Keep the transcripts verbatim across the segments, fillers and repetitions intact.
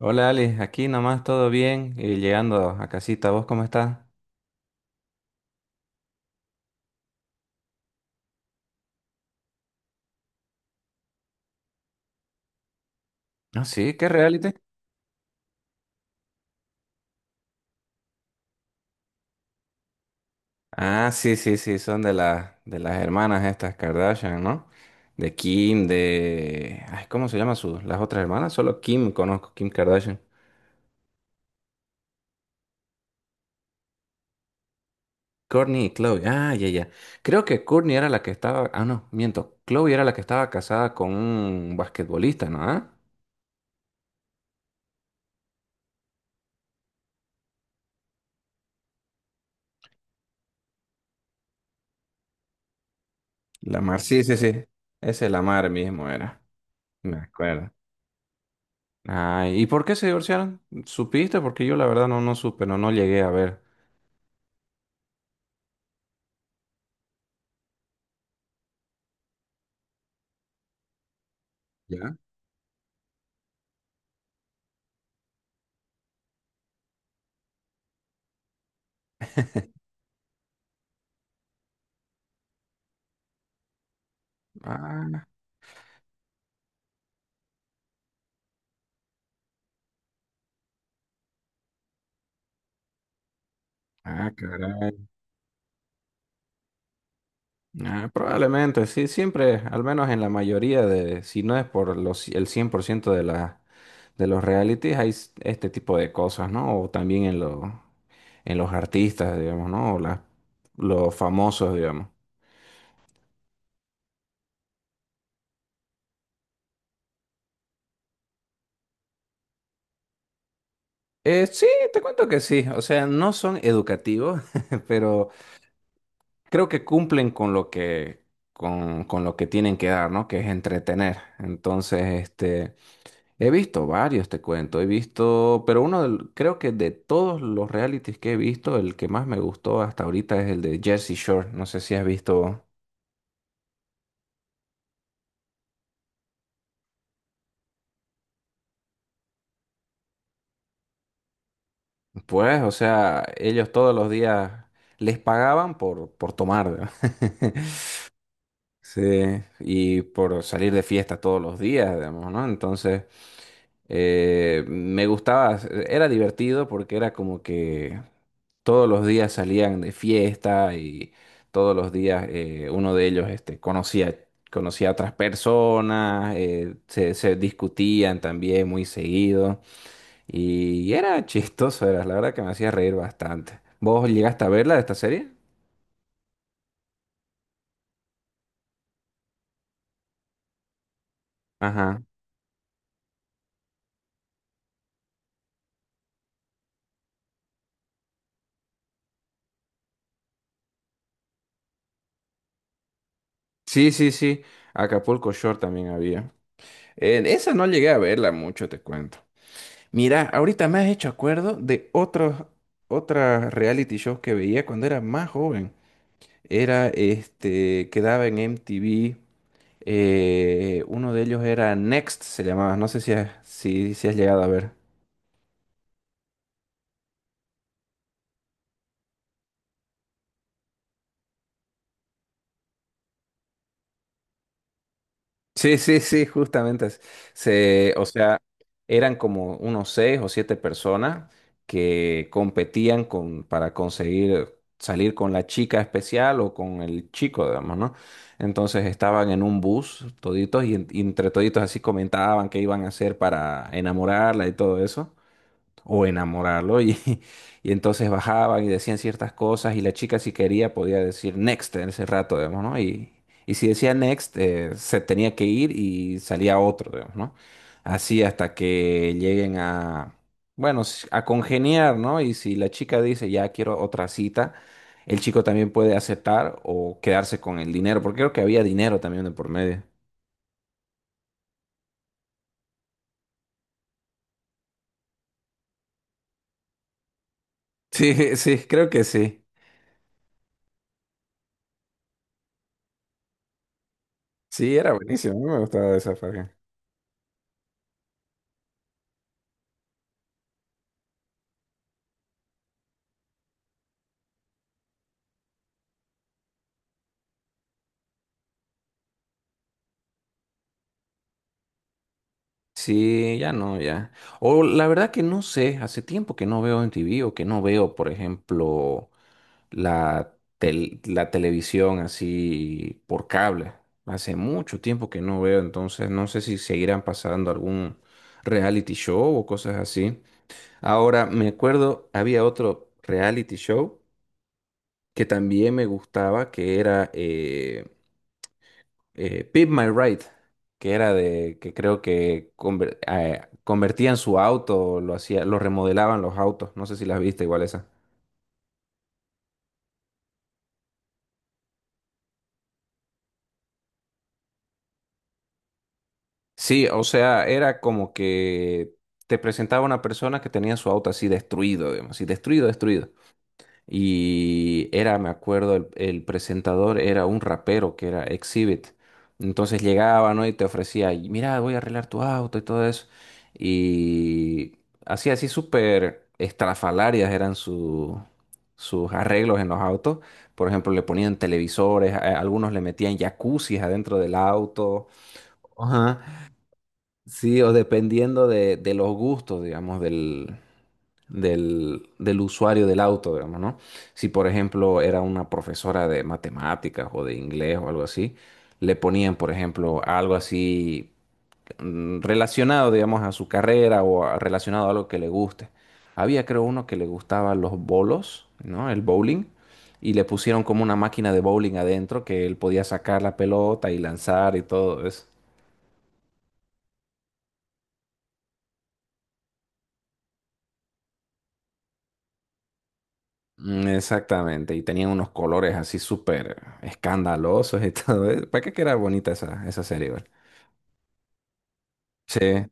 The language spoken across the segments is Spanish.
Hola Ali, aquí nomás todo bien y llegando a casita, ¿vos cómo estás? Ah, sí, ¿qué reality? Ah, sí, sí, sí, son de las de las hermanas estas Kardashian, ¿no? De Kim, de ay, ¿cómo se llama su las otras hermanas? Solo Kim conozco, Kim Kardashian. Kourtney y Chloe. Ah, ya, ya. Creo que Kourtney era la que estaba, ah, no, miento. Chloe era la que estaba casada con un basquetbolista, ¿no? ¿Ah? Lamar, sí, sí, sí. Ese Lamar mismo era. Me acuerdo. Ah, ¿y por qué se divorciaron? ¿Supiste? Porque yo la verdad no, no supe, no, no llegué a ver. ¿Ya? Ah, ah, caray. Ah, probablemente, sí, siempre, al menos en la mayoría de, si no es por los, el cien por ciento de la, de los realities, hay s- este tipo de cosas, ¿no? O también en, lo- en los artistas, digamos, ¿no? O las- los famosos, digamos. Eh, sí, te cuento que sí, o sea, no son educativos, pero creo que cumplen con lo que, con, con lo que tienen que dar, ¿no? Que es entretener. Entonces, este, he visto varios, te cuento, he visto, pero uno del- creo que de todos los realities que he visto, el que más me gustó hasta ahorita es el de Jersey Shore. No sé si has visto, pues, o sea, ellos todos los días les pagaban por, por tomar, ¿verdad? Sí, y por salir de fiesta todos los días, digamos, ¿no? Entonces... Eh, me gustaba, era divertido porque era como que todos los días salían de fiesta y todos los días eh, uno de ellos este, conocía, conocía a otras personas, eh, se, se discutían también muy seguido y era chistoso, era la verdad que me hacía reír bastante. ¿Vos llegaste a verla esta serie? Ajá. Sí, sí, sí. Acapulco Shore también había. En esa no llegué a verla mucho, te cuento. Mira, ahorita me has hecho acuerdo de otros, otras reality shows que veía cuando era más joven. Era este, quedaba en M T V. eh, uno de ellos era Next, se llamaba. No sé si has, si, si has llegado a ver. Sí, sí, sí, justamente. es- Se, o sea, eran como unos seis o siete personas que competían con, para conseguir salir con la chica especial o con el chico, digamos, ¿no? Entonces estaban en un bus toditos y, en- y entre toditos así comentaban qué iban a hacer para enamorarla y todo eso o enamorarlo y, y entonces bajaban y decían ciertas cosas y la chica si quería podía decir next en ese rato, digamos, ¿no? Y, y si decía next eh, se tenía que ir y salía otro, digamos, ¿no? Así hasta que lleguen a, bueno, s- a congeniar, ¿no? Y si la chica dice ya quiero otra cita, el chico también puede aceptar o quedarse con el dinero, porque creo que había dinero también de por medio. Sí, sí, creo que sí. Sí, era buenísimo, a mí me gustaba esa saga. Sí, ya no, ya. O la verdad que no sé, hace tiempo que no veo en M T V o que no veo, por ejemplo, la, tel- la televisión así por cable. Hace mucho tiempo que no veo, entonces no sé si seguirán pasando algún reality show o cosas así. Ahora, me acuerdo, había otro reality show que también me gustaba, que era eh, eh, Pimp My Ride, que era de que creo que conver- eh, convertían su auto, lo hacía, lo remodelaban los autos, no sé si las viste igual esa. Sí, o sea, era como que te presentaba una persona que tenía su auto así destruido, digamos, así destruido, destruido. Y era, me acuerdo, el, el presentador era un rapero que era Exhibit. Entonces llegaba, ¿no? Y te ofrecía, "Y mira, voy a arreglar tu auto y todo eso. Y así, así súper estrafalarias eran su- sus arreglos en los autos. Por ejemplo, le ponían televisores, a- a algunos le metían jacuzzis adentro del auto. Ajá. Sí, o dependiendo de, de los gustos, digamos, del, del, del usuario del auto, digamos, ¿no? Si, por ejemplo, era una profesora de matemáticas o de inglés o algo así, le ponían, por ejemplo, algo así mm, relacionado, digamos, a su carrera o a- relacionado a algo que le guste. Había, creo, uno que le gustaba los bolos, ¿no? El bowling. Y le pusieron como una máquina de bowling adentro que él podía sacar la pelota y lanzar y todo eso. Mm, Exactamente, y tenían unos colores así súper escandalosos y todo. Eso. ¿Para qué que era bonita esa, esa serie, güey? Sí.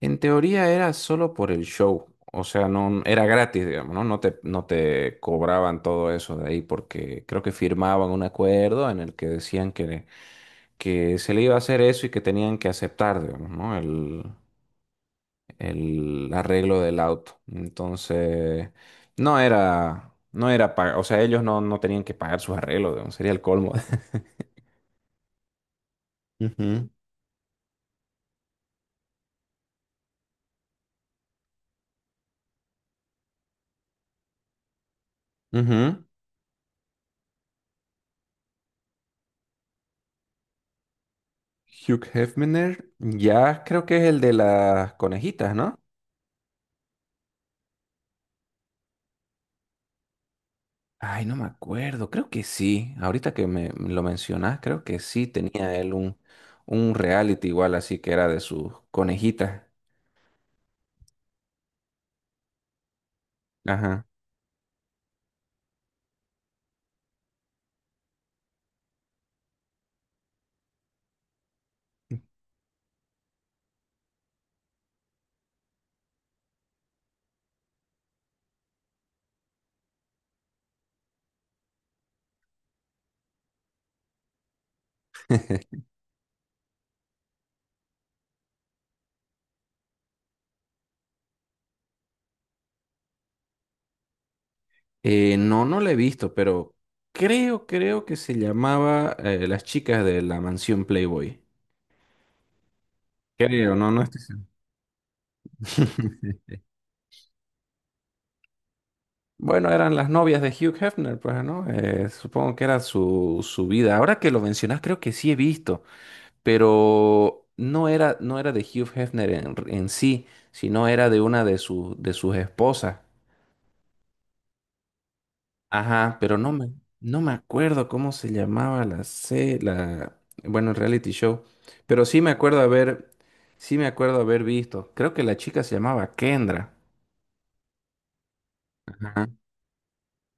En teoría era solo por el show, o sea, no era gratis, digamos, ¿no? No te, no te cobraban todo eso de ahí porque creo que firmaban un acuerdo en el que decían que, que se le iba a hacer eso y que tenían que aceptar, digamos, ¿no? El, el arreglo del auto. Entonces, no era, no era pagar, o sea, ellos no, no tenían que pagar sus arreglos, digamos, sería el colmo. Ujú, ujú. Hugh Hefner, ya creo que es el de las conejitas, ¿no? Ay, no me acuerdo, creo que sí. Ahorita que me me lo mencionás, creo que sí tenía él un, un reality igual, así que era de sus conejitas. Ajá. Eh, no, no la he visto, pero creo, creo que se llamaba eh, Las chicas de la mansión Playboy. Creo, no, no estoy seguro. Bueno, eran las novias de Hugh Hefner, pues, ¿no? Eh, supongo que era su, su vida. Ahora que lo mencionas, creo que sí he visto, pero no era, no era de Hugh Hefner en, en sí, sino era de una de sus, de sus esposas. Ajá, pero no me, no me acuerdo cómo se llamaba la se- la, bueno, el reality show. Pero sí me acuerdo haber, sí me acuerdo haber visto. Creo que la chica se llamaba Kendra. Ajá,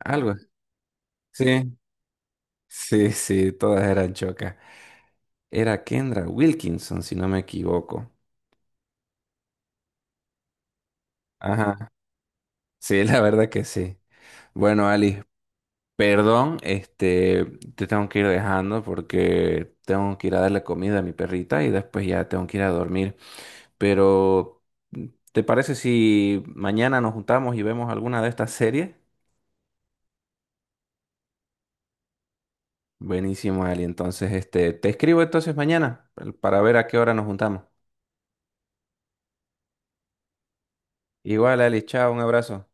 algo. Sí, sí, sí, todas eran chocas. Era Kendra Wilkinson, si no me equivoco. Ajá. Sí, la verdad que sí. Bueno, Ali, perdón, este, te tengo que ir dejando porque tengo que ir a darle comida a mi perrita y después ya tengo que ir a dormir. Pero, ¿te parece si mañana nos juntamos y vemos alguna de estas series? Buenísimo, Ali. Entonces, este, te escribo entonces mañana para ver a qué hora nos juntamos. Igual, Ali, chao, un abrazo.